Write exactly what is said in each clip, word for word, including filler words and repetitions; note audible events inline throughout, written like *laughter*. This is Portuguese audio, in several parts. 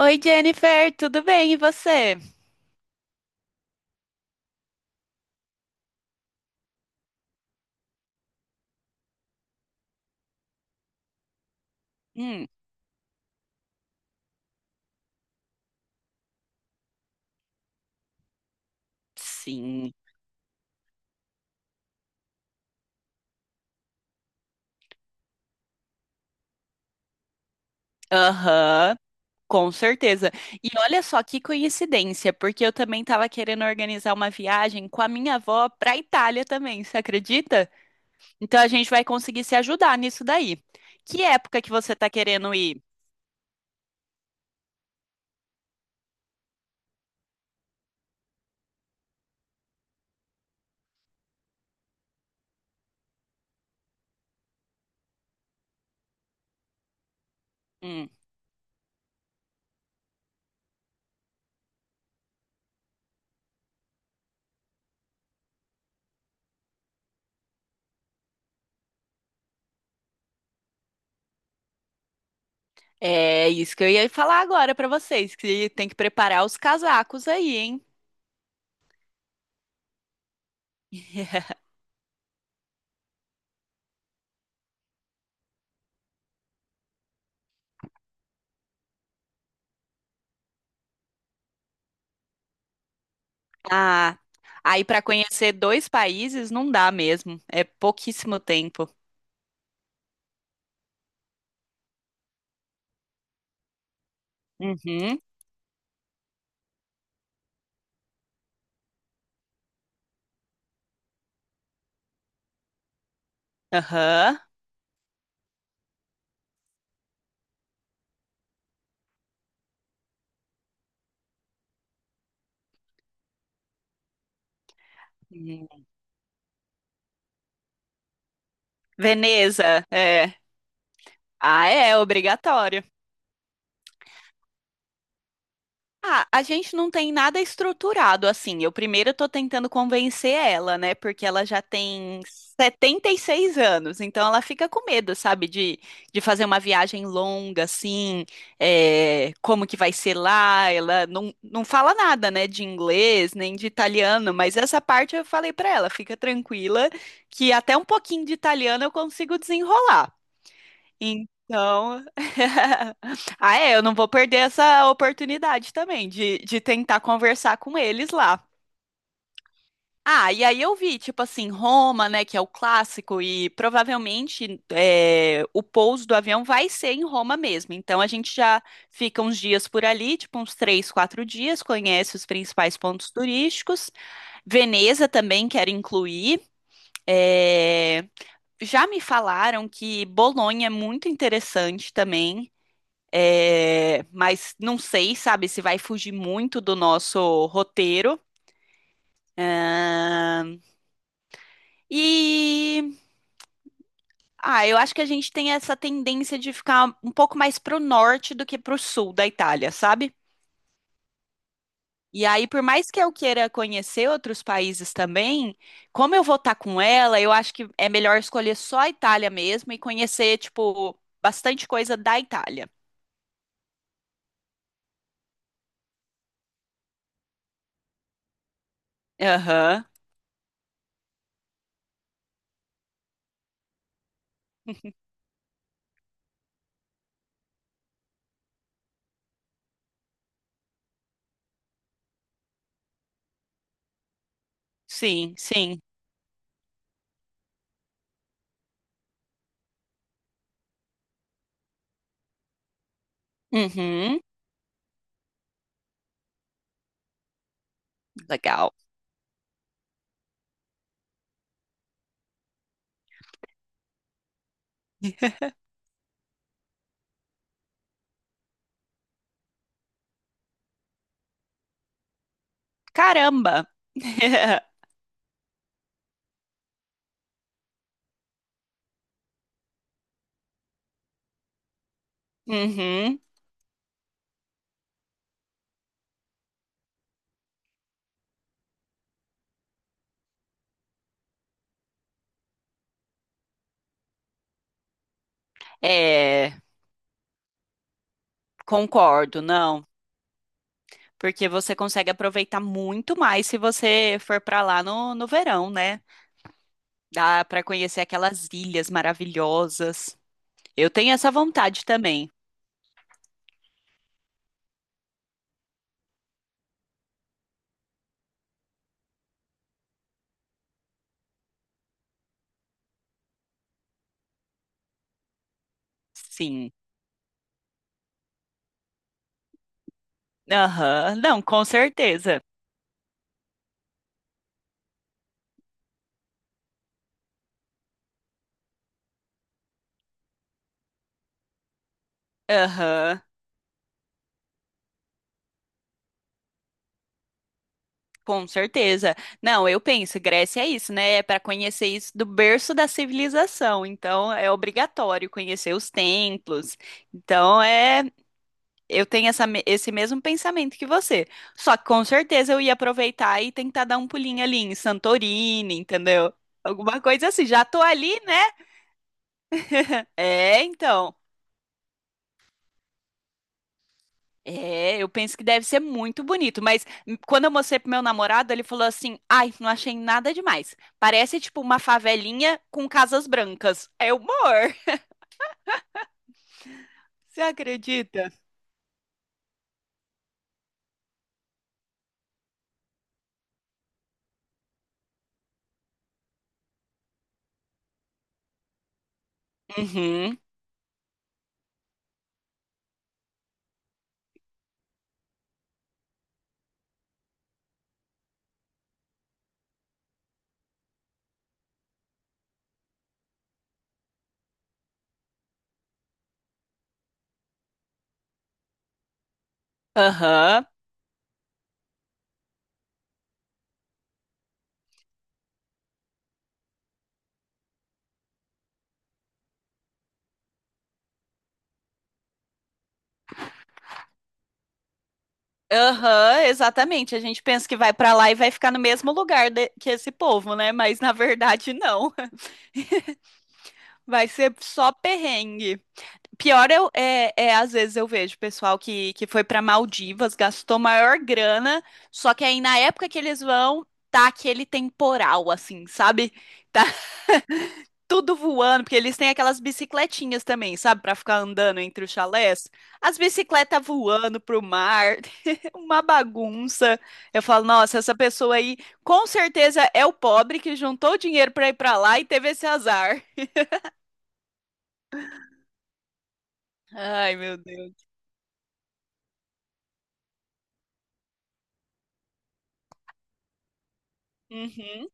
Oi, Jennifer, tudo bem? E você? Hum, sim. Aham, com certeza. E olha só que coincidência, porque eu também estava querendo organizar uma viagem com a minha avó para Itália também, você acredita? Então a gente vai conseguir se ajudar nisso daí. Que época que você está querendo ir? Hum, é isso que eu ia falar agora para vocês, que tem que preparar os casacos aí, hein? *laughs* Ah, aí para conhecer dois países não dá mesmo, é pouquíssimo tempo. Uhum. Aham. Hum. Veneza, é. Ah, é obrigatório. Ah, a gente não tem nada estruturado assim. Eu primeiro tô tentando convencer ela, né? Porque ela já tem setenta e seis anos, então ela fica com medo, sabe? De, de fazer uma viagem longa, assim, é, como que vai ser lá. Ela não, não fala nada, né? De inglês, nem de italiano, mas essa parte eu falei pra ela, fica tranquila, que até um pouquinho de italiano eu consigo desenrolar. Então, *laughs* ah, é, eu não vou perder essa oportunidade também de, de tentar conversar com eles lá. Ah, e aí eu vi, tipo assim, Roma, né, que é o clássico, e provavelmente é, o pouso do avião vai ser em Roma mesmo. Então a gente já fica uns dias por ali, tipo uns três, quatro dias, conhece os principais pontos turísticos. Veneza também quero incluir. É, já me falaram que Bolonha é muito interessante também. É, mas não sei, sabe, se vai fugir muito do nosso roteiro. Ahn, e ah, eu acho que a gente tem essa tendência de ficar um pouco mais pro norte do que pro sul da Itália, sabe? E aí, por mais que eu queira conhecer outros países também, como eu vou estar com ela, eu acho que é melhor escolher só a Itália mesmo e conhecer, tipo, bastante coisa da Itália. Aham, sim, sim. Uhum, legal. *laughs* Caramba! *laughs* Uhum. É, concordo, não. Porque você consegue aproveitar muito mais se você for para lá no, no verão, né? Dá para conhecer aquelas ilhas maravilhosas. Eu tenho essa vontade também. Sim. Aham. Não, com certeza. Aham. Com certeza. Não, eu penso, Grécia é isso, né? É para conhecer isso do berço da civilização. Então, é. Obrigatório conhecer os templos. Então, é Eu tenho essa, me- esse mesmo pensamento que você. Só que com certeza eu ia aproveitar e tentar dar um pulinho ali em Santorini, entendeu? Alguma coisa assim. Já tô ali, né? É, então. É, eu penso que deve ser muito bonito. Mas hum, quando eu mostrei pro meu namorado, ele falou assim: Ai, não achei nada demais. Parece tipo uma favelinha com casas brancas. É humor. *laughs* Você acredita? Uhum. Aham. Aham, exatamente. A gente pensa que vai pra lá e vai ficar no mesmo lugar de- que esse povo, né? Mas na verdade não. *laughs* Vai ser só perrengue. Pior eu- é, é, às vezes eu vejo pessoal que, que foi pra Maldivas, gastou maior grana, só que aí na época que eles vão, tá aquele temporal, assim, sabe? Tá tudo voando, porque eles têm aquelas bicicletinhas também, sabe, pra ficar andando entre os chalés. As bicicletas voando pro mar, *laughs* uma bagunça. Eu falo, nossa, essa pessoa aí com certeza é o pobre que juntou o dinheiro pra ir pra lá e teve esse azar. Ai, meu Deus. Uhum.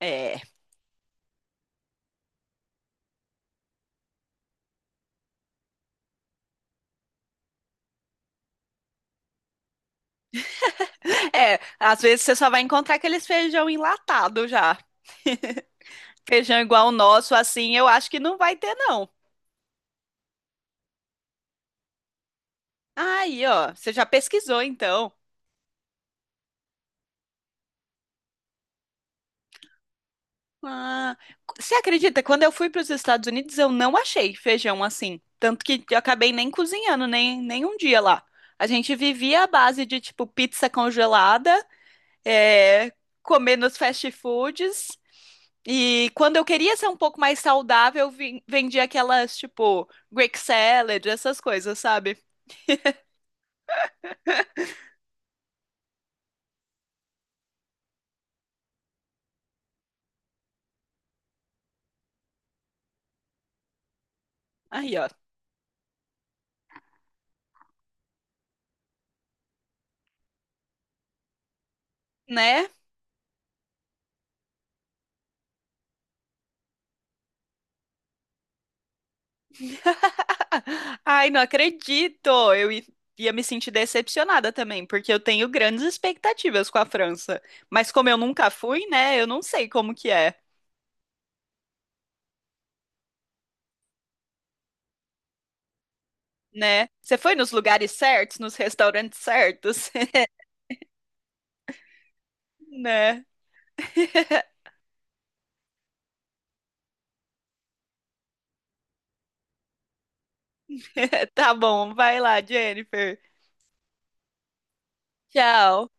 É. É, às vezes você só vai encontrar aqueles feijão enlatado já. *laughs* Feijão igual o nosso, assim, eu acho que não vai ter, não. Aí, ó, você já pesquisou então. Ah, você acredita? Quando eu fui para os Estados Unidos, eu não achei feijão assim. Tanto que eu acabei nem cozinhando, nem, nem um dia lá. A gente vivia à base de, tipo, pizza congelada, é, comer nos fast foods. E quando eu queria ser um pouco mais saudável, eu vim- vendia aquelas, tipo, Greek salad, essas coisas, sabe? Aí, ó, né? *laughs* Ai, não acredito! Eu i- Ia me sentir decepcionada também, porque eu tenho grandes expectativas com a França. Mas como eu nunca fui, né? Eu não sei como que é, né? Você foi nos lugares certos, nos restaurantes certos, *laughs* né? *laughs* Tá bom, vai lá, Jennifer. Tchau.